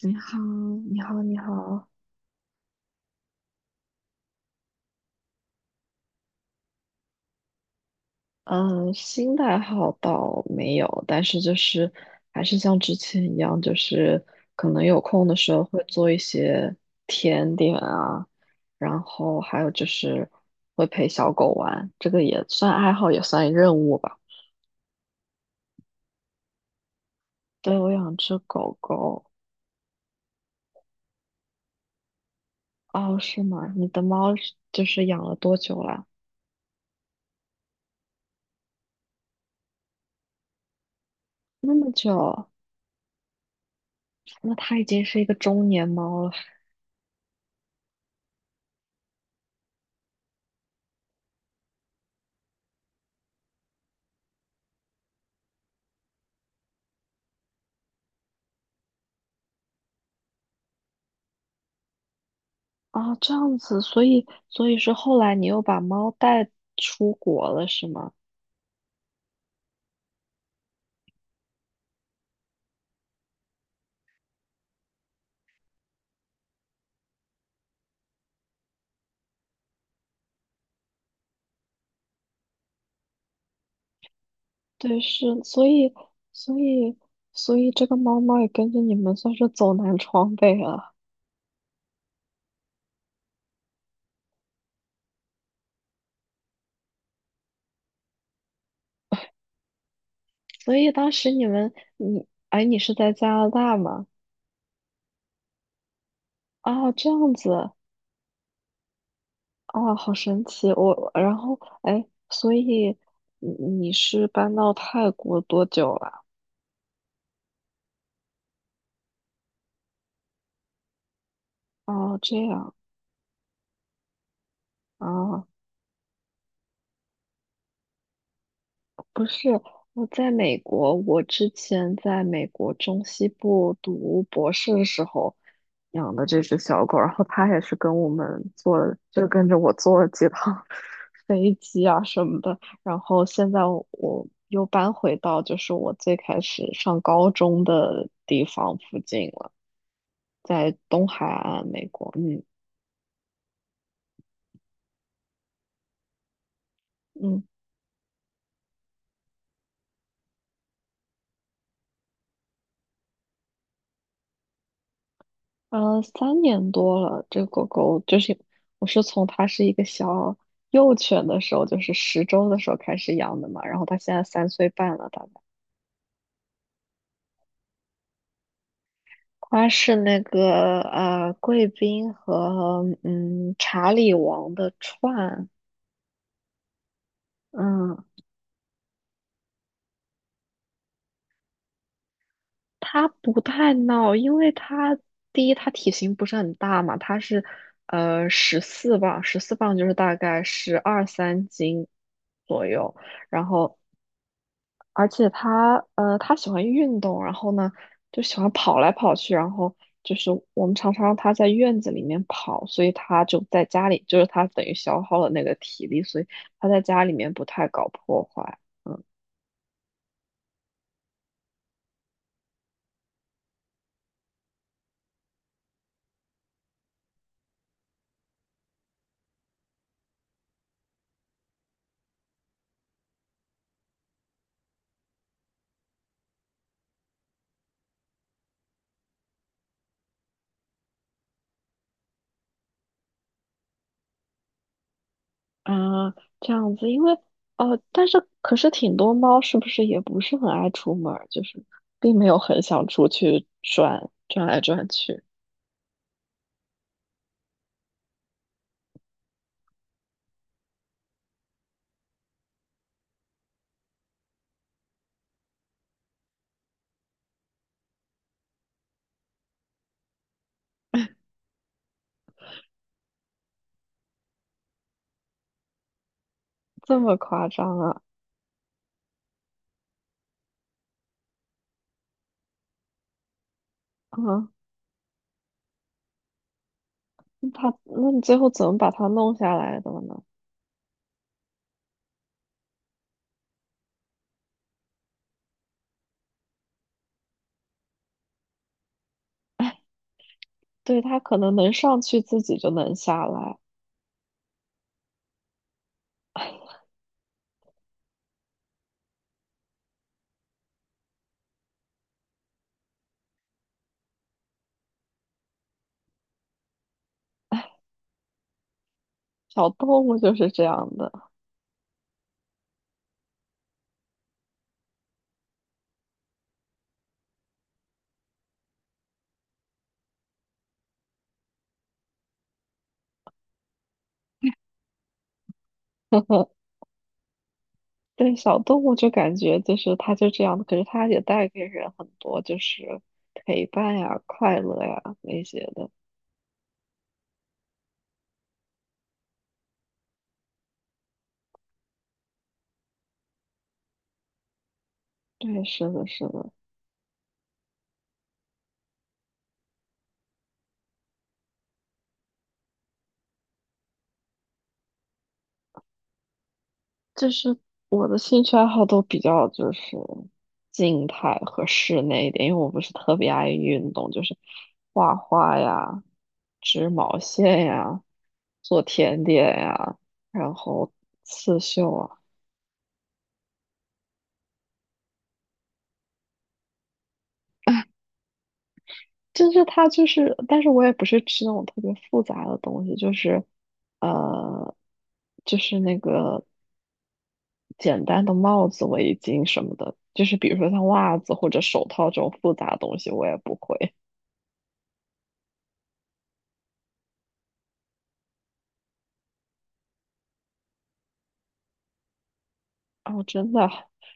你好，你好，你好。嗯，新的爱好倒没有，但是就是还是像之前一样，就是可能有空的时候会做一些甜点啊，然后还有就是会陪小狗玩，这个也算爱好，也算任务吧。对，我养只狗狗。哦，是吗？你的猫是就是养了多久了？那么久，那它已经是一个中年猫了。啊，这样子，所以所以是后来你又把猫带出国了，是吗？对，是，所以所以这个猫猫也跟着你们算是走南闯北了。所以当时你们，你，哎，你是在加拿大吗？啊，这样子，啊，好神奇。我，然后，哎，所以你是搬到泰国多久了？哦，这样啊，不是，我在美国，我之前在美国中西部读博士的时候养的这只小狗，然后它也是跟我们坐了，就跟着我坐了几趟 飞机啊什么的。然后现在我又搬回到就是我最开始上高中的地方附近了，在东海岸美国。嗯嗯。3年多了，这个狗狗就是我是从它是一个小幼犬的时候，就是10周的时候开始养的嘛，然后它现在3岁半了，大概。它是那个贵宾和查理王的串，嗯，它不太闹，因为它第一它体型不是很大嘛，它是十四磅，十四磅就是大概十二三斤左右，然后。而且它喜欢运动，然后呢，就喜欢跑来跑去，然后就是我们常常让它在院子里面跑，所以它就在家里，就是它等于消耗了那个体力，所以它在家里面不太搞破坏。嗯啊，这样子，可是挺多猫是不是也不是很爱出门儿，就是并没有很想出去转来转去，这么夸张啊？啊，那他那你最后怎么把它弄下来的呢？对，它可能能上去，自己就能下来。小动物就是这样的，对，小动物就感觉就是它就这样的，可是它也带给人很多就是陪伴呀、快乐呀那些的。对，是的，是的，就是我的兴趣爱好都比较就是静态和室内一点，因为我不是特别爱运动，就是画画呀、织毛线呀、做甜点呀，然后刺绣啊。就是它就是，但是我也不是吃那种特别复杂的东西，就是，呃，就是那个简单的帽子、围巾什么的，就是比如说像袜子或者手套这种复杂的东西，我也不会。哦，真的，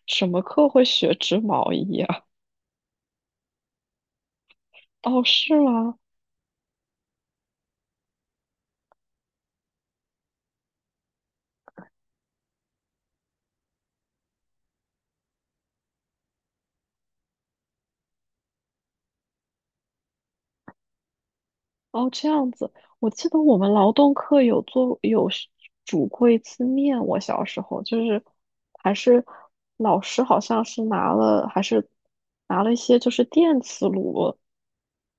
什么课会学织毛衣啊？哦，是吗？哦，这样子，我记得我们劳动课有做有是煮过一次面，我小时候就是还是老师好像是拿了一些就是电磁炉，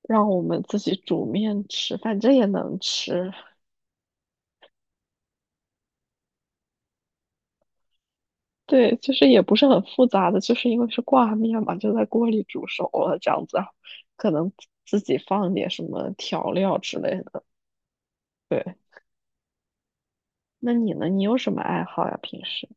让我们自己煮面吃，反正也能吃。对，就是也不是很复杂的，就是因为是挂面嘛，就在锅里煮熟了这样子，然后可能自己放点什么调料之类的。对，那你呢？你有什么爱好呀？平时？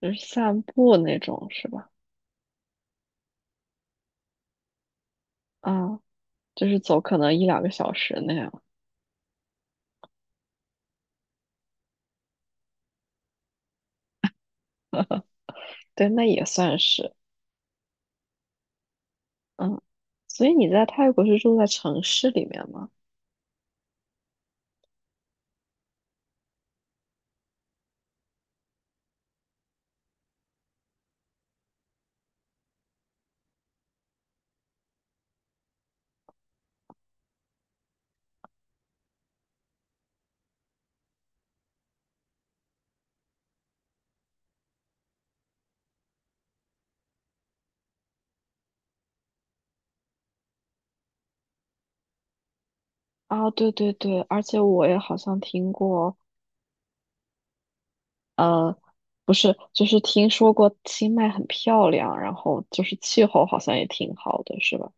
就是散步那种是吧？啊，就是走可能一两个小时那样。对，那也算是，嗯。所以你在泰国是住在城市里面吗？啊，对对对，而且我也好像听过，呃，不是，就是听说过清迈很漂亮，然后就是气候好像也挺好的，是吧？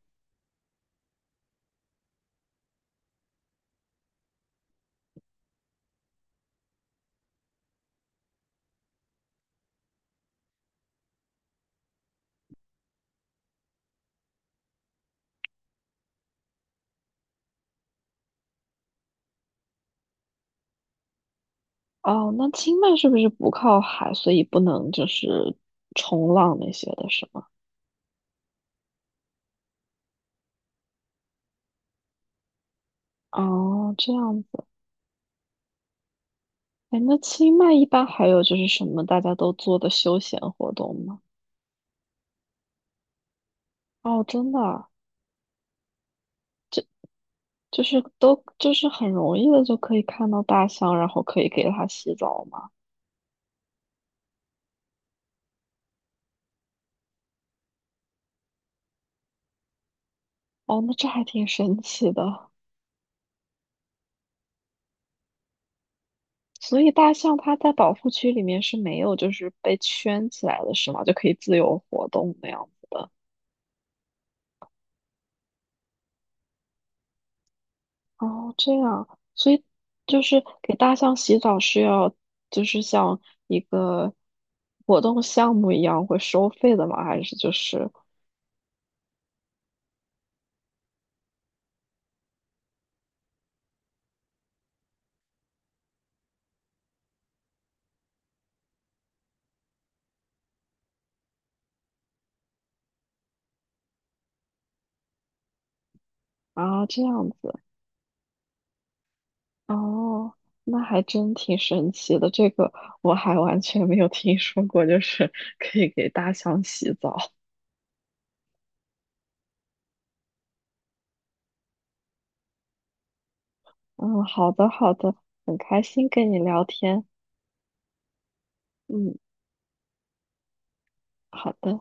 哦，那清迈是不是不靠海，所以不能就是冲浪那些的，是吗？哦，这样哎，那清迈一般还有就是什么大家都做的休闲活动吗？哦，真的啊就是都就是很容易的就可以看到大象，然后可以给它洗澡吗？哦，那这还挺神奇的。所以大象它在保护区里面是没有就是被圈起来的是吗？就可以自由活动那样子的。哦，这样，所以就是给大象洗澡是要就是像一个活动项目一样会收费的吗？还是就是？啊，这样子哦，那还真挺神奇的。这个我还完全没有听说过，就是 可以给大象洗澡。嗯，好的，好的，很开心跟你聊天。嗯，好的。